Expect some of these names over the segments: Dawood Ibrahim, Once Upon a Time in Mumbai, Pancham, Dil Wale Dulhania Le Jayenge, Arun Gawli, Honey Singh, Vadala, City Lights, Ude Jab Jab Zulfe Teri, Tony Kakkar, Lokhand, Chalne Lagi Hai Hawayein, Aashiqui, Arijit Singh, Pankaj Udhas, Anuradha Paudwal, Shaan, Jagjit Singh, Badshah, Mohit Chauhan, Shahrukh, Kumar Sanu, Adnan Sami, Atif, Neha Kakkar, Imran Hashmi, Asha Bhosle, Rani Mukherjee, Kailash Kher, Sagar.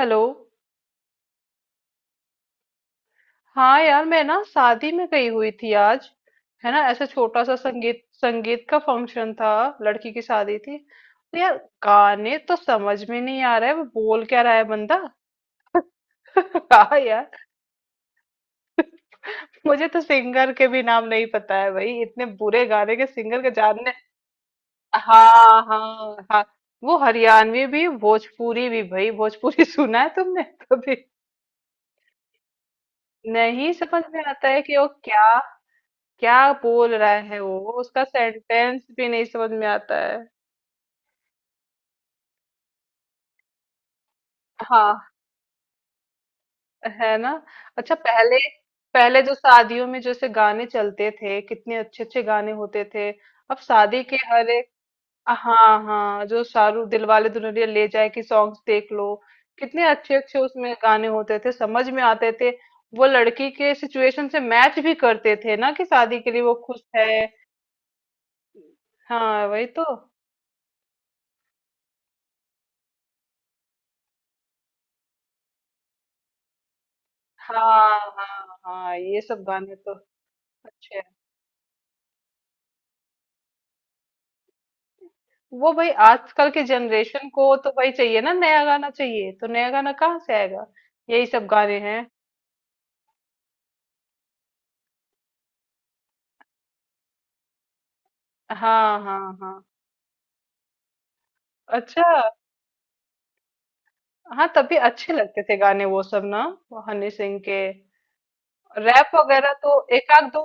Hello. हाँ यार मैं ना शादी में गई हुई थी आज। है ना, ऐसे छोटा सा संगीत संगीत का फंक्शन था। लड़की की शादी थी। तो यार गाने तो समझ में नहीं आ रहा है वो बोल क्या रहा है बंदा। हाँ यार। मुझे तो सिंगर के भी नाम नहीं पता है भाई, इतने बुरे गाने के सिंगर के जानने। हाँ हाँ हाँ। वो हरियाणवी भी भोजपुरी भी भाई, भोजपुरी सुना है तुमने कभी? नहीं समझ में आता है कि वो क्या क्या बोल रहा है, वो उसका सेंटेंस भी नहीं समझ में आता है। हाँ। है ना। अच्छा पहले, पहले जो शादियों में जैसे गाने चलते थे कितने अच्छे अच्छे गाने होते थे। अब शादी के हर एक। हाँ हाँ जो शाहरुख दिलवाले दुल्हनिया ले जाए की सॉन्ग्स देख लो। कितने अच्छे अच्छे उसमें गाने होते थे, समझ में आते थे। वो लड़की के सिचुएशन से मैच भी करते थे ना, कि शादी के लिए वो खुश है। हाँ वही तो। हाँ हाँ हाँ ये सब गाने तो अच्छा। वो भाई आजकल के जनरेशन को तो भाई चाहिए ना, नया गाना चाहिए तो नया गाना कहाँ से आएगा। यही सब गाने हैं। हाँ हाँ हाँ। अच्छा हाँ तभी अच्छे लगते थे गाने वो सब ना। वो हनी सिंह के रैप वगैरह तो एक आध दो,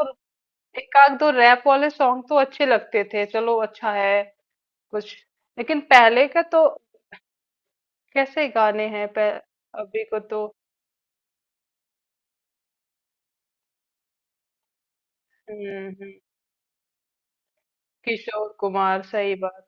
एक आध दो रैप वाले सॉन्ग तो अच्छे लगते थे, चलो अच्छा है कुछ। लेकिन पहले का तो कैसे गाने हैं अभी को तो। हम्म हम्म, किशोर कुमार सही बात।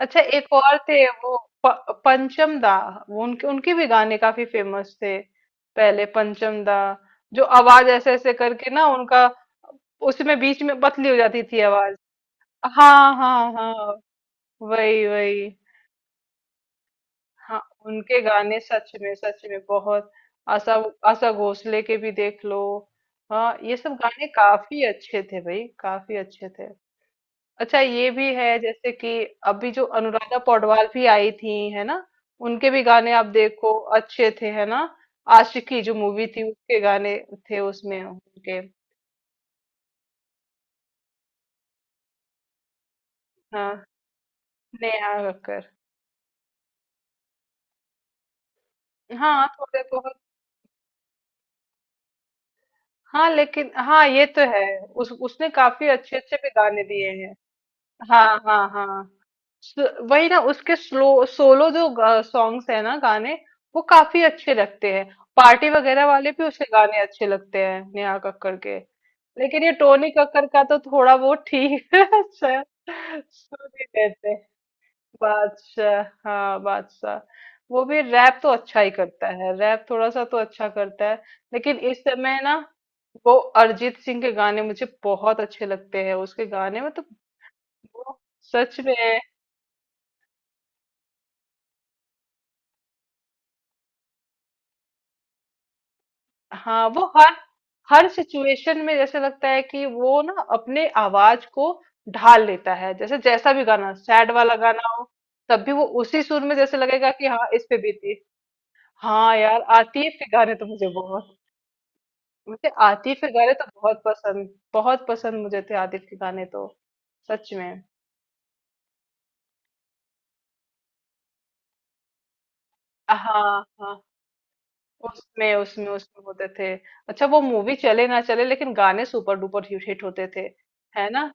अच्छा एक और थे वो, प, पंचम दा। वो उनके उनके भी गाने काफी फेमस थे। पहले पंचम दा जो आवाज ऐसे ऐसे करके ना उनका, उसमें बीच में पतली हो जाती थी आवाज। हाँ हाँ हाँ। वही वही। हाँ उनके गाने सच में बहुत। आशा, आशा भोसले के भी देख लो। हाँ ये सब गाने काफी अच्छे थे भाई, काफी अच्छे थे। अच्छा ये भी है जैसे कि अभी जो अनुराधा पौडवाल भी आई थी है ना, उनके भी गाने आप देखो अच्छे थे है ना। आशिकी जो मूवी थी उसके गाने थे उसमें उनके। हाँ नेहा कक्कर। हाँ थोड़े बहुत। हाँ लेकिन हाँ ये तो है, उस उसने काफी अच्छे अच्छे भी गाने दिए हैं। हाँ हाँ हाँ। वही ना उसके स्लो सोलो जो सॉन्ग्स है ना गाने, वो काफी अच्छे लगते हैं। पार्टी वगैरह वाले भी उसके गाने अच्छे लगते हैं नेहा कक्कड़ के। लेकिन ये टोनी कक्कर का तो थोड़ा बहुत ठीक है अच्छा सुन ही लेते हैं। बादशाह, हाँ बादशाह वो भी रैप तो अच्छा ही करता है, रैप थोड़ा सा तो अच्छा करता है। लेकिन इस समय ना वो अरिजीत सिंह के गाने मुझे बहुत अच्छे लगते हैं, उसके गाने में तो वो सच में। हाँ वो हर हर सिचुएशन में जैसे लगता है कि वो ना अपने आवाज को ढाल लेता है, जैसे जैसा भी गाना सैड वाला गाना हो तब भी वो उसी सुर में जैसे लगेगा कि हाँ इस पे बीती। हाँ यार आतिफ के गाने तो मुझे बहुत। मुझे आतिफ के गाने तो बहुत पसंद, बहुत पसंद मुझे थे आतिफ के गाने तो, सच में। हाँ हाँ उसमें उसमें उसमें होते थे। अच्छा वो मूवी चले ना चले, लेकिन गाने सुपर डुपर हिट होते थे है ना।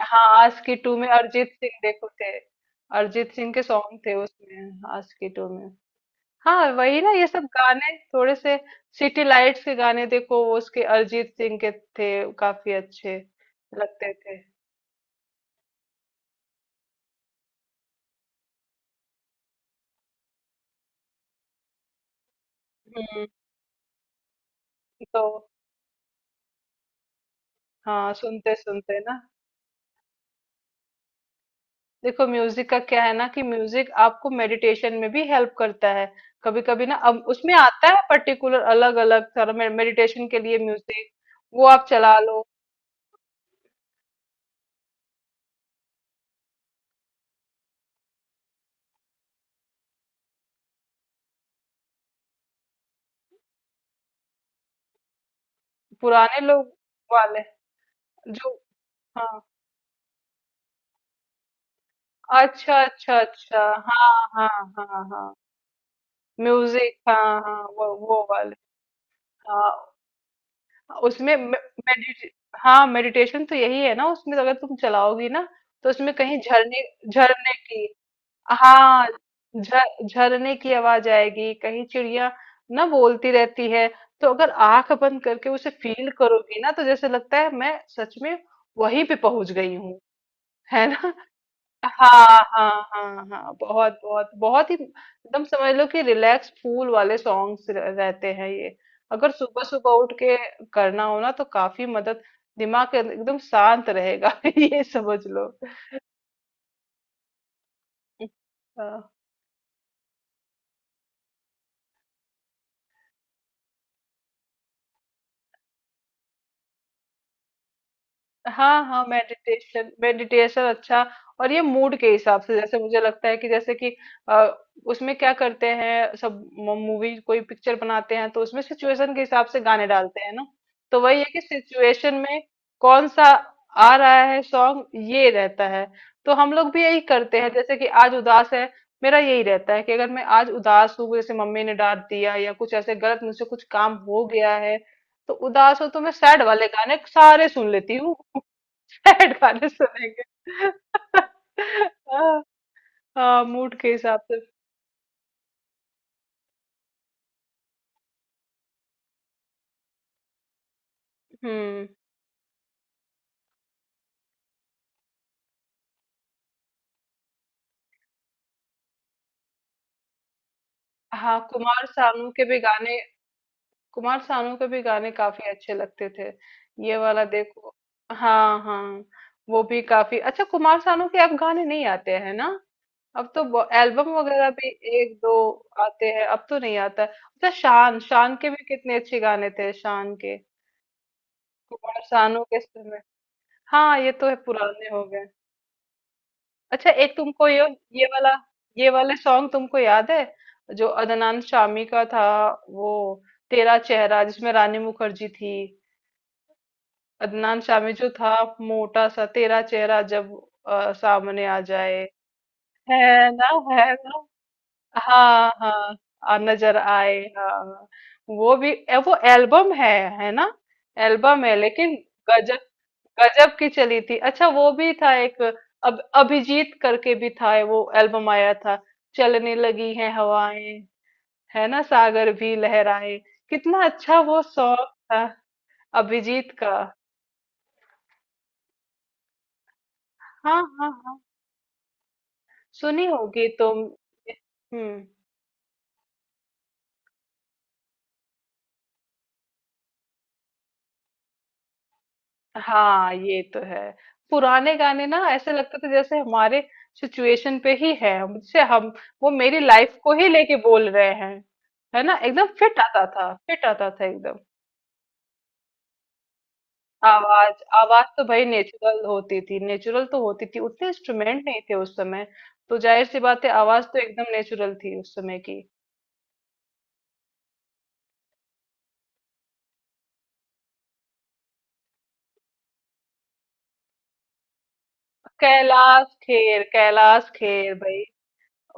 हाँ आज की टू में अरिजीत सिंह देखो थे, अरिजीत सिंह के सॉन्ग थे उसमें, आज की टू में। हाँ वही ना ये सब गाने थोड़े से। सिटी लाइट्स के गाने देखो वो उसके अरिजीत सिंह के थे, काफी अच्छे लगते थे। हम्म। तो हाँ सुनते सुनते ना, देखो म्यूजिक का क्या है ना, कि म्यूजिक आपको मेडिटेशन में भी हेल्प करता है। कभी कभी ना अब उसमें आता है पर्टिकुलर अलग अलग सारा मेडिटेशन के लिए म्यूजिक, वो आप चला लो। पुराने लोग वाले जो। हाँ, अच्छा अच्छा अच्छा। हाँ हाँ हाँ हाँ। म्यूजिक हाँ हाँ वो वाले। हाँ उसमें मे- मेडि हाँ मेडिटेशन तो यही है ना, उसमें अगर तुम चलाओगी ना तो उसमें कहीं झरने, झरने की। हाँ झरने की आवाज आएगी, कहीं चिड़िया ना बोलती रहती है। तो अगर आंख बंद करके उसे फील करोगी ना, तो जैसे लगता है मैं सच में वहीं पे पहुंच गई हूँ। है ना। हाँ, हाँ, हाँ, हाँ, बहुत बहुत बहुत ही एकदम समझ लो कि रिलैक्स फूल वाले सॉन्ग्स रहते हैं ये। अगर सुबह सुबह उठ के करना हो ना तो काफी मदद, दिमाग एकदम शांत रहेगा ये समझ लो। हाँ। हाँ हाँ मेडिटेशन मेडिटेशन अच्छा। और ये मूड के हिसाब से जैसे मुझे लगता है कि जैसे कि अ, उसमें क्या करते हैं, सब मूवी कोई पिक्चर बनाते हैं तो उसमें सिचुएशन के हिसाब से गाने डालते हैं ना। तो वही है कि सिचुएशन में कौन सा आ रहा है सॉन्ग, ये रहता है। तो हम लोग भी यही करते हैं जैसे कि आज उदास है, मेरा यही रहता है कि अगर मैं आज उदास हूँ, जैसे मम्मी ने डांट दिया या कुछ ऐसे गलत मुझसे कुछ काम हो गया है तो उदास हो तो मैं सैड वाले गाने सारे सुन लेती हूँ। सैड गाने सुनेंगे हाँ, हाँ, मूड के हिसाब से। हम्म। हाँ कुमार सानू के भी गाने, कुमार सानू के भी गाने काफी अच्छे लगते थे। ये वाला देखो। हाँ हाँ वो भी काफी अच्छा। कुमार सानू के अब गाने नहीं आते हैं ना। अब तो एल्बम वगैरह भी एक दो आते हैं, अब तो नहीं आता है। अच्छा शान, शान के भी कितने अच्छे गाने थे शान के। कुमार सानू के समय। हाँ ये तो है, पुराने हो गए। अच्छा एक तुमको ये वाला, ये वाले सॉन्ग तुमको याद है जो अदनान शामी का था? वो तेरा चेहरा, जिसमें रानी मुखर्जी थी। अदनान शामी जो था मोटा सा, तेरा चेहरा जब सामने आ जाए। है ना। है ना। हाँ हाँ, नजर आए। हाँ हाँ। वो भी वो एल्बम है ना। एल्बम है लेकिन, गजल गजब की चली थी। अच्छा वो भी था एक, अब अभिजीत करके भी था वो एल्बम आया था, चलने लगी है हवाएं है ना सागर भी लहराए। कितना अच्छा वो सॉन्ग था, अभिजीत का। हाँ हाँ हाँ, सुनी होगी तुम। हम्म। हाँ ये तो है। पुराने गाने ना ऐसे लगता था जैसे हमारे सिचुएशन पे ही है, मुझसे हम, वो मेरी लाइफ को ही लेके बोल रहे हैं। है ना, एकदम फिट आता था, फिट आता था एकदम। आवाज, आवाज तो भाई नेचुरल होती थी, नेचुरल तो होती थी, उतने इंस्ट्रूमेंट नहीं थे उस समय, तो जाहिर सी बात है आवाज तो एकदम नेचुरल थी उस समय की। कैलाश खेर, कैलाश खेर भाई,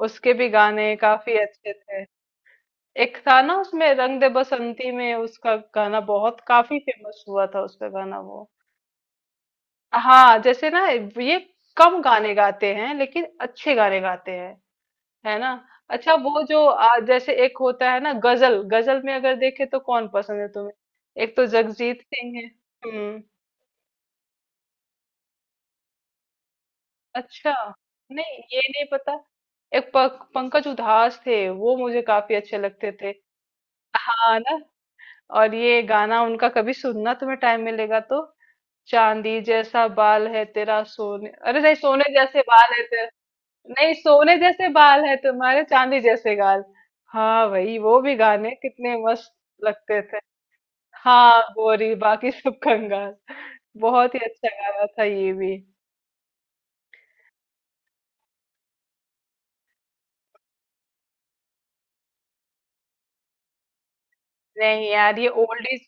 उसके भी गाने काफी अच्छे थे। एक था ना उसमें रंग दे बसंती में उसका गाना बहुत काफी फेमस हुआ था, उसका गाना वो, हाँ जैसे ना, ये कम गाने गाते हैं लेकिन अच्छे गाने गाते हैं है ना। अच्छा वो जो जैसे एक होता है ना गजल, गजल में अगर देखे तो कौन पसंद है तुम्हें? एक तो जगजीत सिंह है। हम्म। अच्छा, नहीं ये नहीं पता। एक पंकज उधास थे वो मुझे काफी अच्छे लगते थे। हाँ ना। और ये गाना उनका कभी सुनना, तुम्हें टाइम मिलेगा तो, चांदी जैसा बाल है तेरा सोने, अरे नहीं, सोने जैसे बाल है तेरा। नहीं सोने जैसे बाल है तुम्हारे, चांदी जैसे गाल। हाँ भाई वो भी गाने कितने मस्त लगते थे। हाँ गोरी बाकी सब कंगाल। बहुत ही अच्छा गाना था ये भी। नहीं यार ये ओल्ड इज,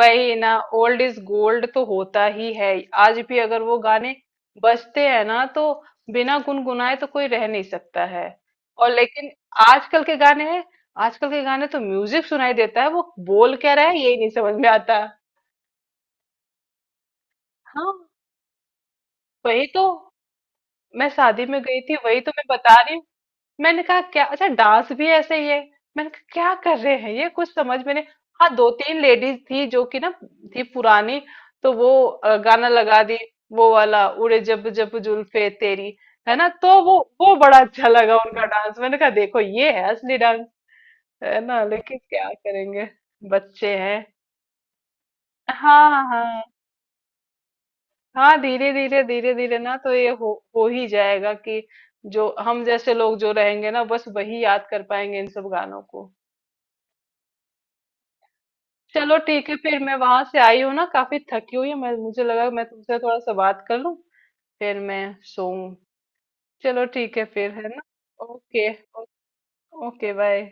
वही ना, ओल्ड इज गोल्ड तो होता ही है। आज भी अगर वो गाने बजते हैं ना, तो बिना गुनगुनाए तो कोई रह नहीं सकता है। और लेकिन आजकल के गाने हैं, आजकल के गाने तो म्यूजिक सुनाई देता है, वो बोल क्या रहा है यही नहीं समझ में आता। हाँ वही तो, मैं शादी में गई थी, वही तो मैं बता रही हूँ। मैंने कहा क्या, अच्छा डांस भी ऐसे ही है, मैंने कहा क्या कर रहे हैं ये, कुछ समझ में नहीं। हाँ दो तीन लेडीज थी जो कि ना थी पुरानी, तो वो गाना लगा दी वो वाला, उड़े जब जब जुल्फे तेरी, है ना, तो वो बड़ा अच्छा लगा उनका डांस। मैंने कहा देखो ये है असली डांस, है ना, लेकिन क्या करेंगे बच्चे हैं। हाँ हाँ। हाँ धीरे धीरे धीरे धीरे ना तो ये हो ही जाएगा कि जो हम जैसे लोग जो रहेंगे ना, बस वही याद कर पाएंगे इन सब गानों को। चलो ठीक है फिर, मैं वहां से आई हूँ ना काफी थकी हुई है, मैं, मुझे लगा मैं तुमसे थोड़ा सा बात कर लूं, फिर मैं सोऊं। चलो ठीक है फिर, है ना। ओके। Okay bye.